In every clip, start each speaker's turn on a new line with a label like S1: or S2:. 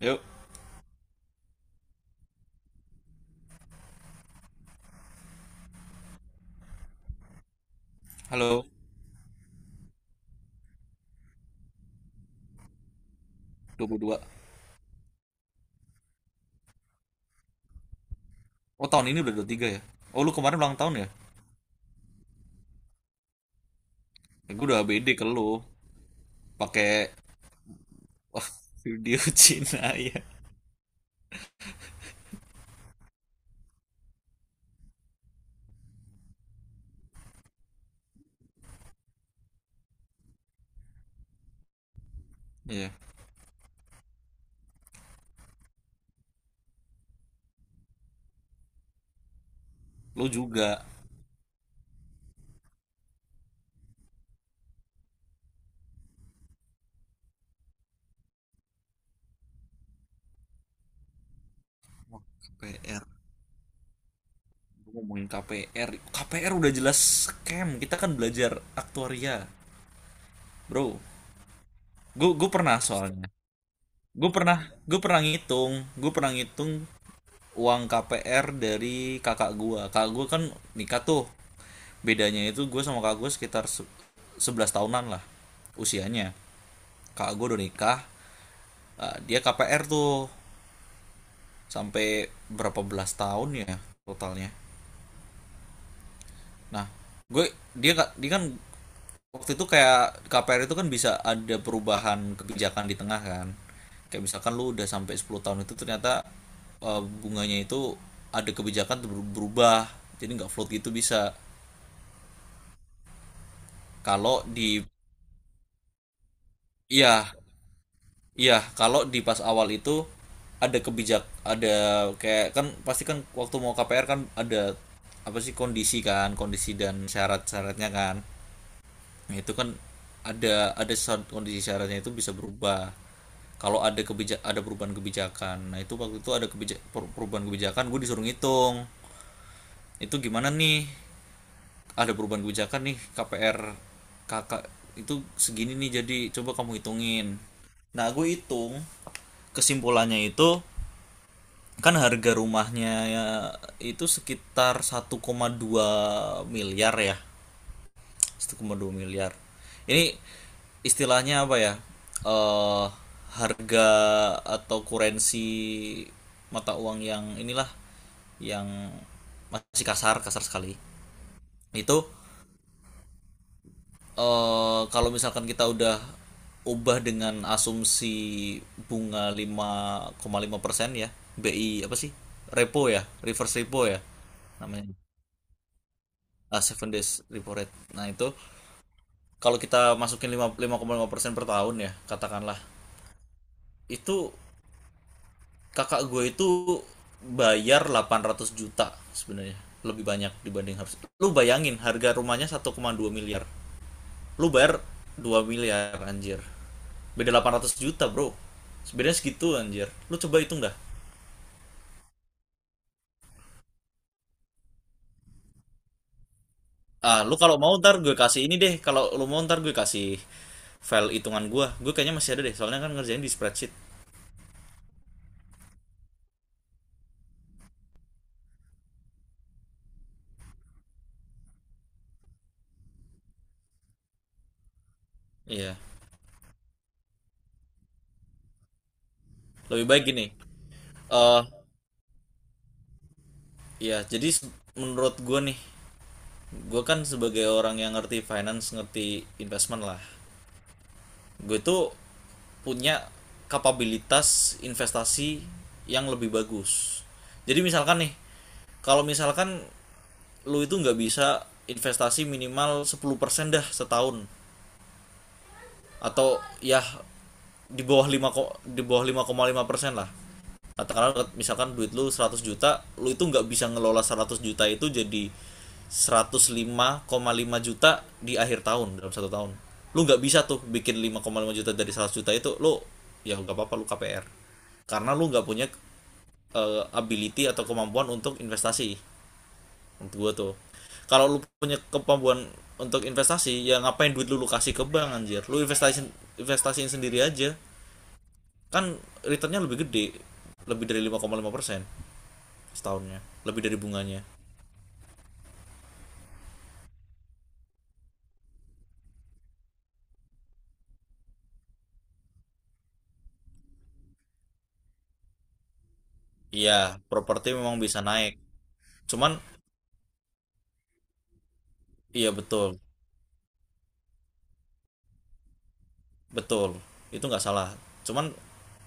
S1: Yuk, halo, 22. Oh, tahun ini udah 23, ya? Oh, lu kemarin ulang tahun, ya? Ya, gue udah ABD ke lu, pakai wah video Cina, ya. Iya, lu juga. Wah, KPR. Gua ngomongin KPR. KPR udah jelas scam. Kita kan belajar aktuaria, bro. Gue pernah soalnya. Gue pernah gue pernah ngitung, gue pernah ngitung uang KPR dari Kakak gua kan nikah tuh, bedanya itu gua sama kakak gua sekitar 11 tahunan lah usianya. Kakak gua udah nikah, dia KPR tuh sampai berapa belas tahun ya totalnya. Nah, gue, dia nggak, dia kan waktu itu kayak KPR itu kan bisa ada perubahan kebijakan di tengah, kan. Kayak misalkan lu udah sampai 10 tahun itu ternyata, bunganya itu ada kebijakan berubah. Jadi nggak float gitu bisa. Kalau di, iya, iya, kalau di pas awal itu ada kebijak, ada, kayak kan pasti kan waktu mau KPR kan ada apa sih kondisi, kan, kondisi dan syarat-syaratnya, kan. Nah, itu kan ada kondisi syaratnya itu bisa berubah. Kalau ada kebijak, ada perubahan kebijakan. Nah, itu waktu itu ada kebijak, perubahan kebijakan, gue disuruh ngitung. Itu gimana nih? Ada perubahan kebijakan nih, KPR kakak itu segini nih, jadi coba kamu hitungin. Nah, gue hitung kesimpulannya itu, kan harga rumahnya ya, itu sekitar 1,2 miliar ya, 1,2 miliar. Ini istilahnya apa ya? eh harga atau kurensi, mata uang yang inilah, yang masih kasar, kasar sekali. Itu, kalau misalkan kita udah ubah dengan asumsi bunga lima, 5,5%, ya. BI apa sih? Repo ya, reverse repo ya namanya. Ah, seven days repo rate. Nah, itu kalau kita masukin lima, lima koma lima persen per tahun ya, katakanlah. Itu kakak gue itu bayar 800 juta sebenarnya, lebih banyak dibanding, harus lu bayangin harga rumahnya 1,2 miliar, lu bayar 2 miliar anjir, beda 800 juta bro sebenarnya segitu anjir, lu coba hitung dah. Ah, lu kalau mau ntar gue kasih ini deh, kalau lu mau ntar gue kasih file hitungan Gue kayaknya masih ada deh soalnya kan ngerjain di spreadsheet. Iya, yeah. Lebih baik gini. eh ya yeah, jadi menurut gue nih, gue kan sebagai orang yang ngerti finance ngerti investment lah, gue tuh punya kapabilitas investasi yang lebih bagus. Jadi misalkan nih, kalau misalkan lu itu nggak bisa investasi minimal 10% dah setahun, atau ya di bawah 5 ko-, di bawah 5,5% lah katakanlah, misalkan duit lu 100 juta, lu itu nggak bisa ngelola 100 juta itu jadi 105,5 juta di akhir tahun dalam satu tahun. Lu nggak bisa tuh bikin 5,5 juta dari 100 juta itu, lu ya nggak apa-apa lu KPR, karena lu nggak punya ability atau kemampuan untuk investasi. Menurut gua tuh, kalau lu punya kemampuan untuk investasi ya ngapain duit lu, lu kasih ke bank anjir, lu investasi, investasiin sendiri aja, kan returnnya lebih gede, lebih dari 5,5% setahunnya, lebih dari bunganya. Iya, properti memang bisa naik, cuman, iya betul, betul, itu nggak salah, cuman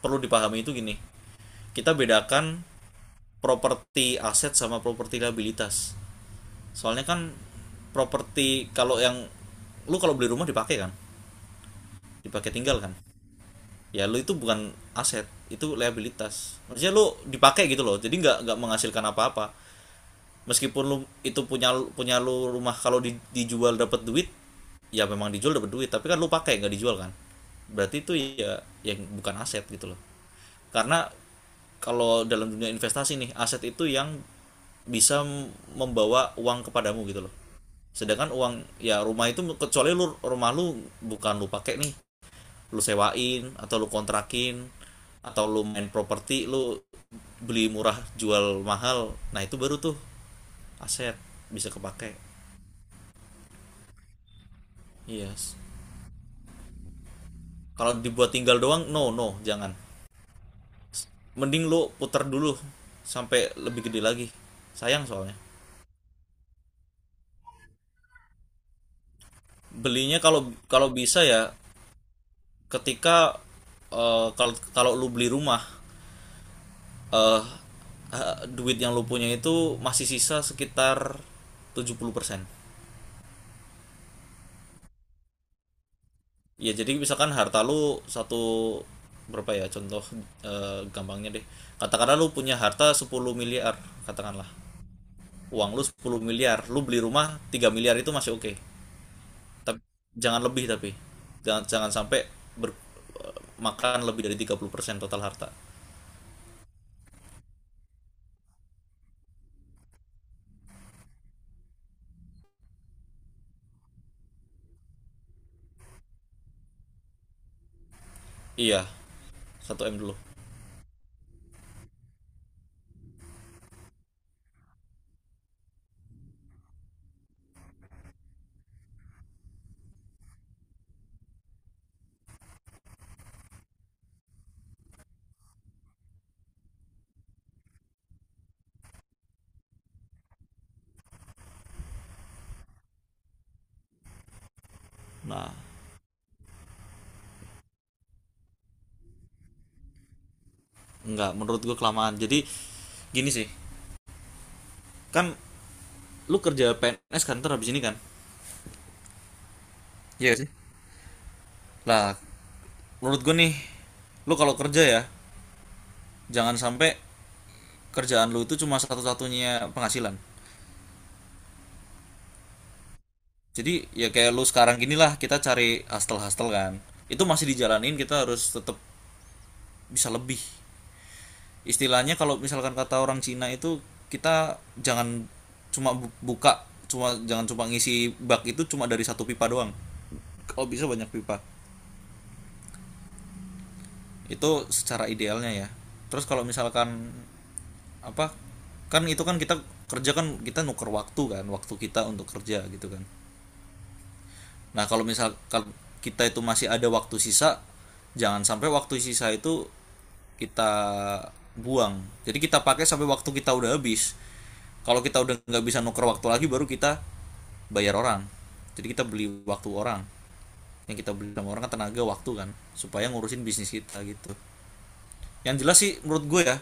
S1: perlu dipahami itu gini, kita bedakan properti aset sama properti liabilitas. Soalnya kan properti kalau yang lu, kalau beli rumah dipakai kan, dipakai tinggal kan, ya lu itu bukan aset, itu liabilitas. Maksudnya lu dipakai gitu loh, jadi nggak menghasilkan apa-apa. Meskipun lu itu punya punya lu rumah, kalau di-, dijual dapat duit, ya memang dijual dapat duit, tapi kan lu pakai nggak dijual kan, berarti itu ya, yang bukan aset gitu loh. Karena kalau dalam dunia investasi nih, aset itu yang bisa membawa uang kepadamu gitu loh. Sedangkan uang, ya rumah itu kecuali lu, rumah lu bukan lu pakai nih, lu sewain atau lu kontrakin, atau lu main properti, lu beli murah jual mahal, nah itu baru tuh aset bisa kepake. Yes. Kalau dibuat tinggal doang, no, no, jangan. Mending lu puter dulu sampai lebih gede lagi, sayang soalnya. Belinya, kalau kalau bisa ya, ketika kalau kalau lu beli rumah, eh duit yang lu punya itu masih sisa sekitar 70%. Ya jadi misalkan harta lu satu, berapa ya contoh, gampangnya deh, katakanlah lu punya harta 10 miliar, katakanlah. Uang lu 10 miliar, lu beli rumah 3 miliar, itu masih oke. Okay. Tapi jangan lebih tapi. Jangan, jangan sampai ber-, eh, makan lebih dari 30% total harta. Iya, satu m dulu. Nah, enggak, menurut gue kelamaan. Jadi gini sih, kan lu kerja PNS kan ntar habis ini kan? Iya sih. Lah, menurut gue nih, lu kalau kerja ya, jangan sampai kerjaan lu itu cuma satu-satunya penghasilan. Jadi ya kayak lu sekarang gini lah, kita cari hustle-hustle kan. Itu masih dijalanin, kita harus tetap bisa lebih. Istilahnya kalau misalkan kata orang Cina itu, kita jangan cuma buka, cuma jangan cuma ngisi bak itu cuma dari satu pipa doang, oh bisa banyak pipa. Itu secara idealnya, ya. Terus kalau misalkan apa, kan itu kan kita kerja kan, kita nuker waktu kan, waktu kita untuk kerja gitu kan. Nah kalau misalkan kita itu masih ada waktu sisa, jangan sampai waktu sisa itu kita buang. Jadi kita pakai sampai waktu kita udah habis. Kalau kita udah nggak bisa nuker waktu lagi baru kita bayar orang. Jadi kita beli waktu orang, yang kita beli sama orang kan tenaga waktu kan, supaya ngurusin bisnis kita gitu. Yang jelas sih menurut gue ya,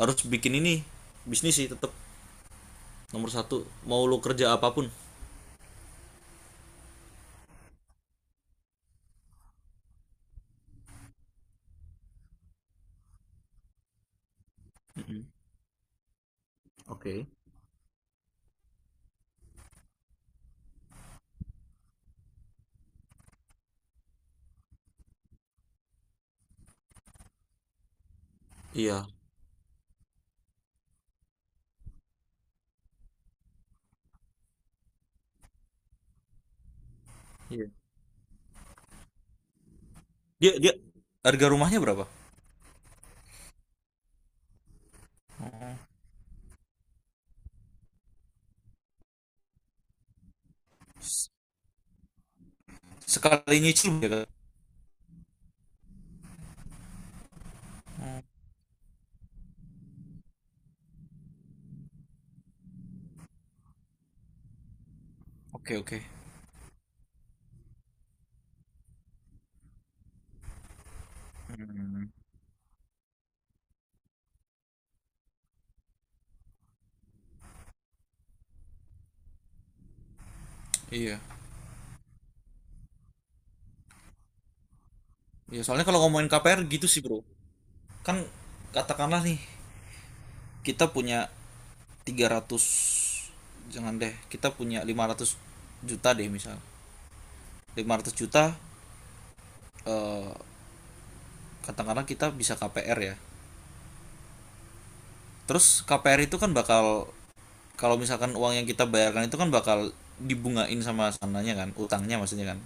S1: harus bikin ini, bisnis sih tetap nomor satu, mau lo kerja apapun. Oke. Okay. Iya. Iya. dia dia harga rumahnya berapa? Sekali nyicil ya kan. Oke, okay, oke. Okay. Hmm. Iya. Iya. Soalnya kalau ngomongin KPR gitu sih bro. Kan katakanlah nih kita punya tiga ratus, jangan deh, kita punya 500 juta deh misal, 500 juta, eh, katakanlah kita bisa KPR ya. Terus KPR itu kan bakal, kalau misalkan uang yang kita bayarkan itu kan bakal dibungain sama sananya, kan, utangnya maksudnya kan.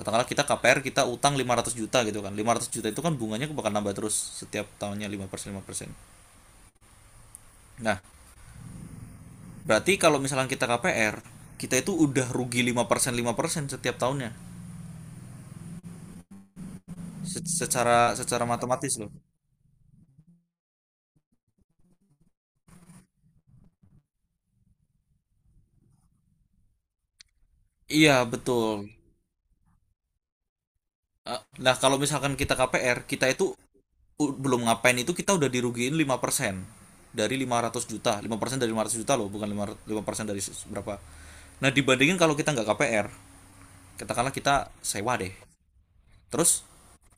S1: Katakanlah kita KPR, kita utang 500 juta gitu kan, 500 juta itu kan bunganya bakal nambah terus setiap tahunnya 5% 5%. Nah, berarti kalau misalkan kita KPR, kita itu udah rugi 5% 5% setiap tahunnya, secara secara matematis loh. Iya betul. Nah kalau misalkan kita KPR, kita itu u-, belum ngapain itu kita udah dirugiin 5% dari 500 juta, 5% dari 500 juta loh, bukan lima ratus, 5% dari se-, berapa. Nah dibandingin kalau kita nggak KPR, katakanlah kita sewa deh. Terus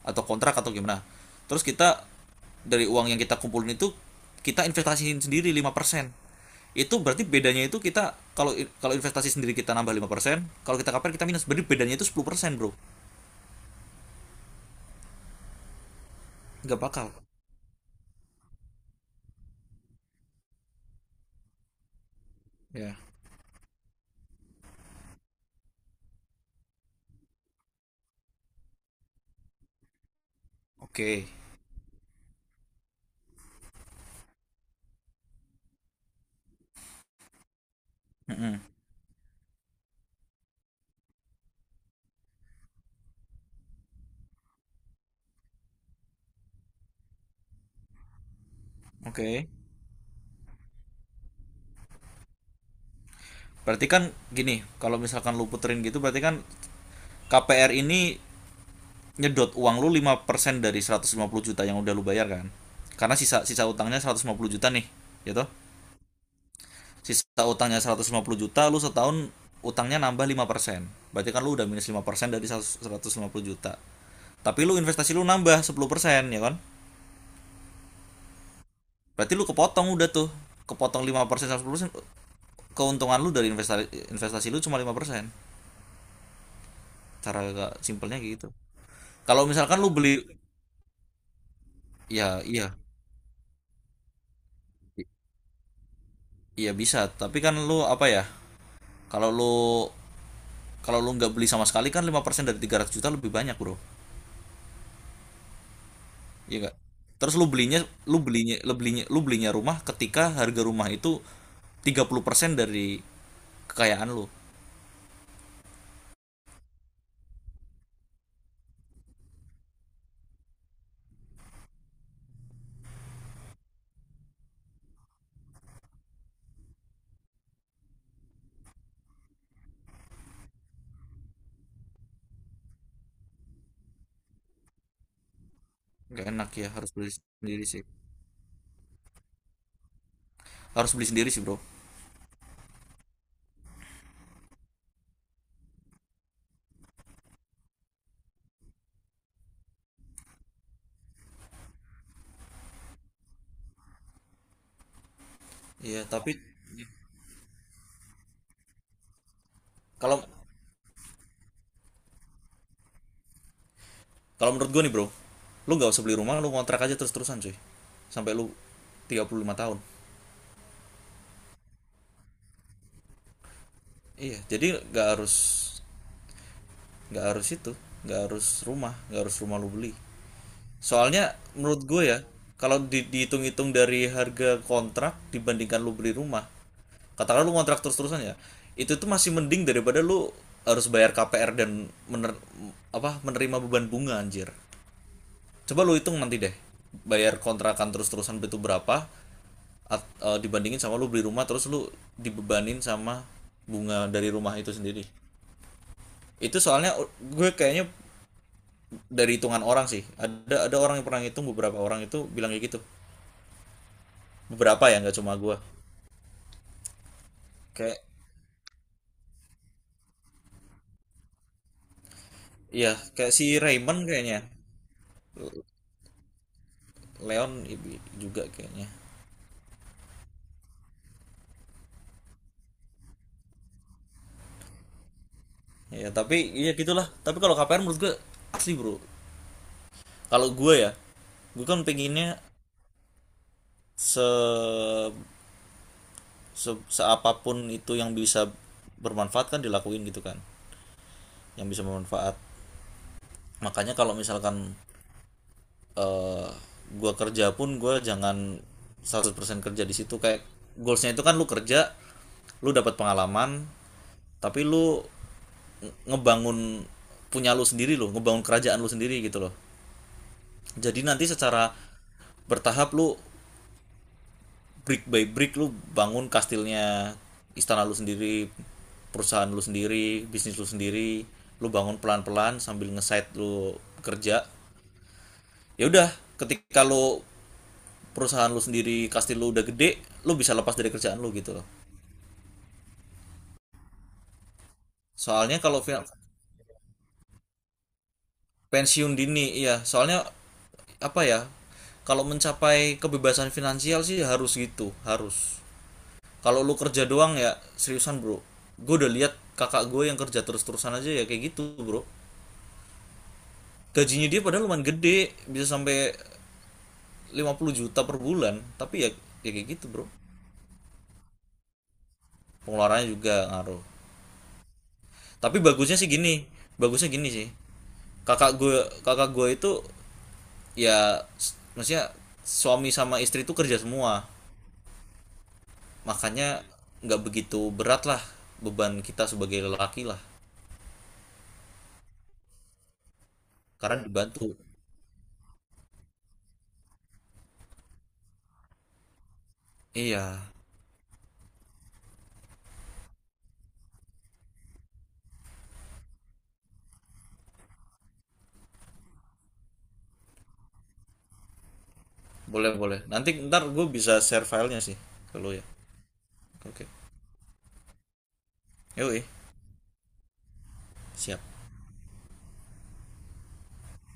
S1: atau kontrak atau gimana. Terus kita dari uang yang kita kumpulin itu kita investasiin sendiri 5%. Itu berarti bedanya itu kita, kalau kalau investasi sendiri kita nambah 5%, kalau kita KPR kita minus. Berarti bedanya itu 10%, Bro. Nggak bakal. Ya. Oke. Mm-mm. Oke. Berarti kan gini, kalau misalkan lu puterin gitu berarti kan, KPR ini nyedot uang lu 5% dari 150 juta yang udah lu bayar kan. Karena sisa sisa utangnya 150 juta nih, ya toh? Sisa utangnya 150 juta, lu setahun utangnya nambah 5%. Berarti kan lu udah minus 5% dari 150 juta. Tapi lu investasi lu nambah 10%, ya kan? Berarti lu kepotong udah tuh. Kepotong 5% persen. Keuntungan lu dari investasi investasi lu cuma 5%. Cara agak simpelnya gitu. Kalau misalkan lu beli, ya. Iya. I- iya bisa, tapi kan lu apa ya? Kalau lu, kalau lu nggak beli sama sekali kan 5% dari 300 juta lebih banyak, Bro. Iya nggak? Terus lu belinya rumah ketika harga rumah itu 30% dari kekayaan lu. Gak enak ya, harus beli sendiri sih. Harus beli sendiri sih, Bro. Iya, tapi kalau kalau menurut gua nih, Bro, lu nggak usah beli rumah, lu kontrak aja terus-terusan, cuy. Sampai lu 35 tahun. Iya, jadi nggak harus, nggak harus itu, nggak harus rumah, lu beli. Soalnya menurut gue ya, kalau di-, dihitung-hitung dari harga kontrak dibandingkan lu beli rumah, katakanlah lu kontrak terus-terusan ya, itu tuh masih mending daripada lu harus bayar KPR dan mener-, apa, menerima beban bunga anjir. Coba lu hitung nanti deh, bayar kontrakan terus-terusan itu berapa at-, dibandingin sama lu beli rumah terus lu dibebanin sama bunga dari rumah itu sendiri. Itu soalnya gue kayaknya dari hitungan orang sih, ada orang yang pernah ngitung, beberapa orang itu bilang kayak gitu, beberapa ya nggak cuma gua. Kayak, ya kayak si Raymond kayaknya, Leon juga kayaknya. Ya tapi ya gitulah, tapi kalau KPR menurut gua asli bro. Kalau gua ya, gua kan pengennya se, se seapapun itu yang bisa bermanfaat kan dilakuin gitu kan, yang bisa bermanfaat. Makanya kalau misalkan, eh gua kerja pun gue jangan 100% kerja di situ. Kayak goalsnya itu kan lu kerja lu dapat pengalaman, tapi lu ngebangun punya lu sendiri, lu ngebangun kerajaan lu sendiri gitu loh. Jadi nanti secara bertahap lu, brick by brick lu bangun kastilnya, istana lu sendiri, perusahaan lu sendiri, bisnis lu sendiri. Lu bangun pelan-pelan sambil nge-side lu kerja. Ya udah, ketika lu, perusahaan lu sendiri kasih lu udah gede, lu bisa lepas dari kerjaan lu gitu loh. Soalnya kalau pensiun dini iya soalnya, apa ya, kalau mencapai kebebasan finansial sih harus gitu, harus. Kalau lu kerja doang ya seriusan bro, gue udah lihat kakak gue yang kerja terus-terusan aja ya kayak gitu bro. Gajinya dia padahal lumayan gede bisa sampai 50 juta per bulan, tapi ya, ya kayak gitu bro. Pengeluarannya juga ngaruh. Tapi bagusnya sih gini, bagusnya gini sih kakak gue itu ya, maksudnya suami sama istri itu kerja semua. Makanya nggak begitu berat lah beban kita sebagai lelaki lah, karena dibantu. Iya, boleh boleh nanti ntar gue bisa share filenya sih ke lo ya. Oke. Yoi. Siap.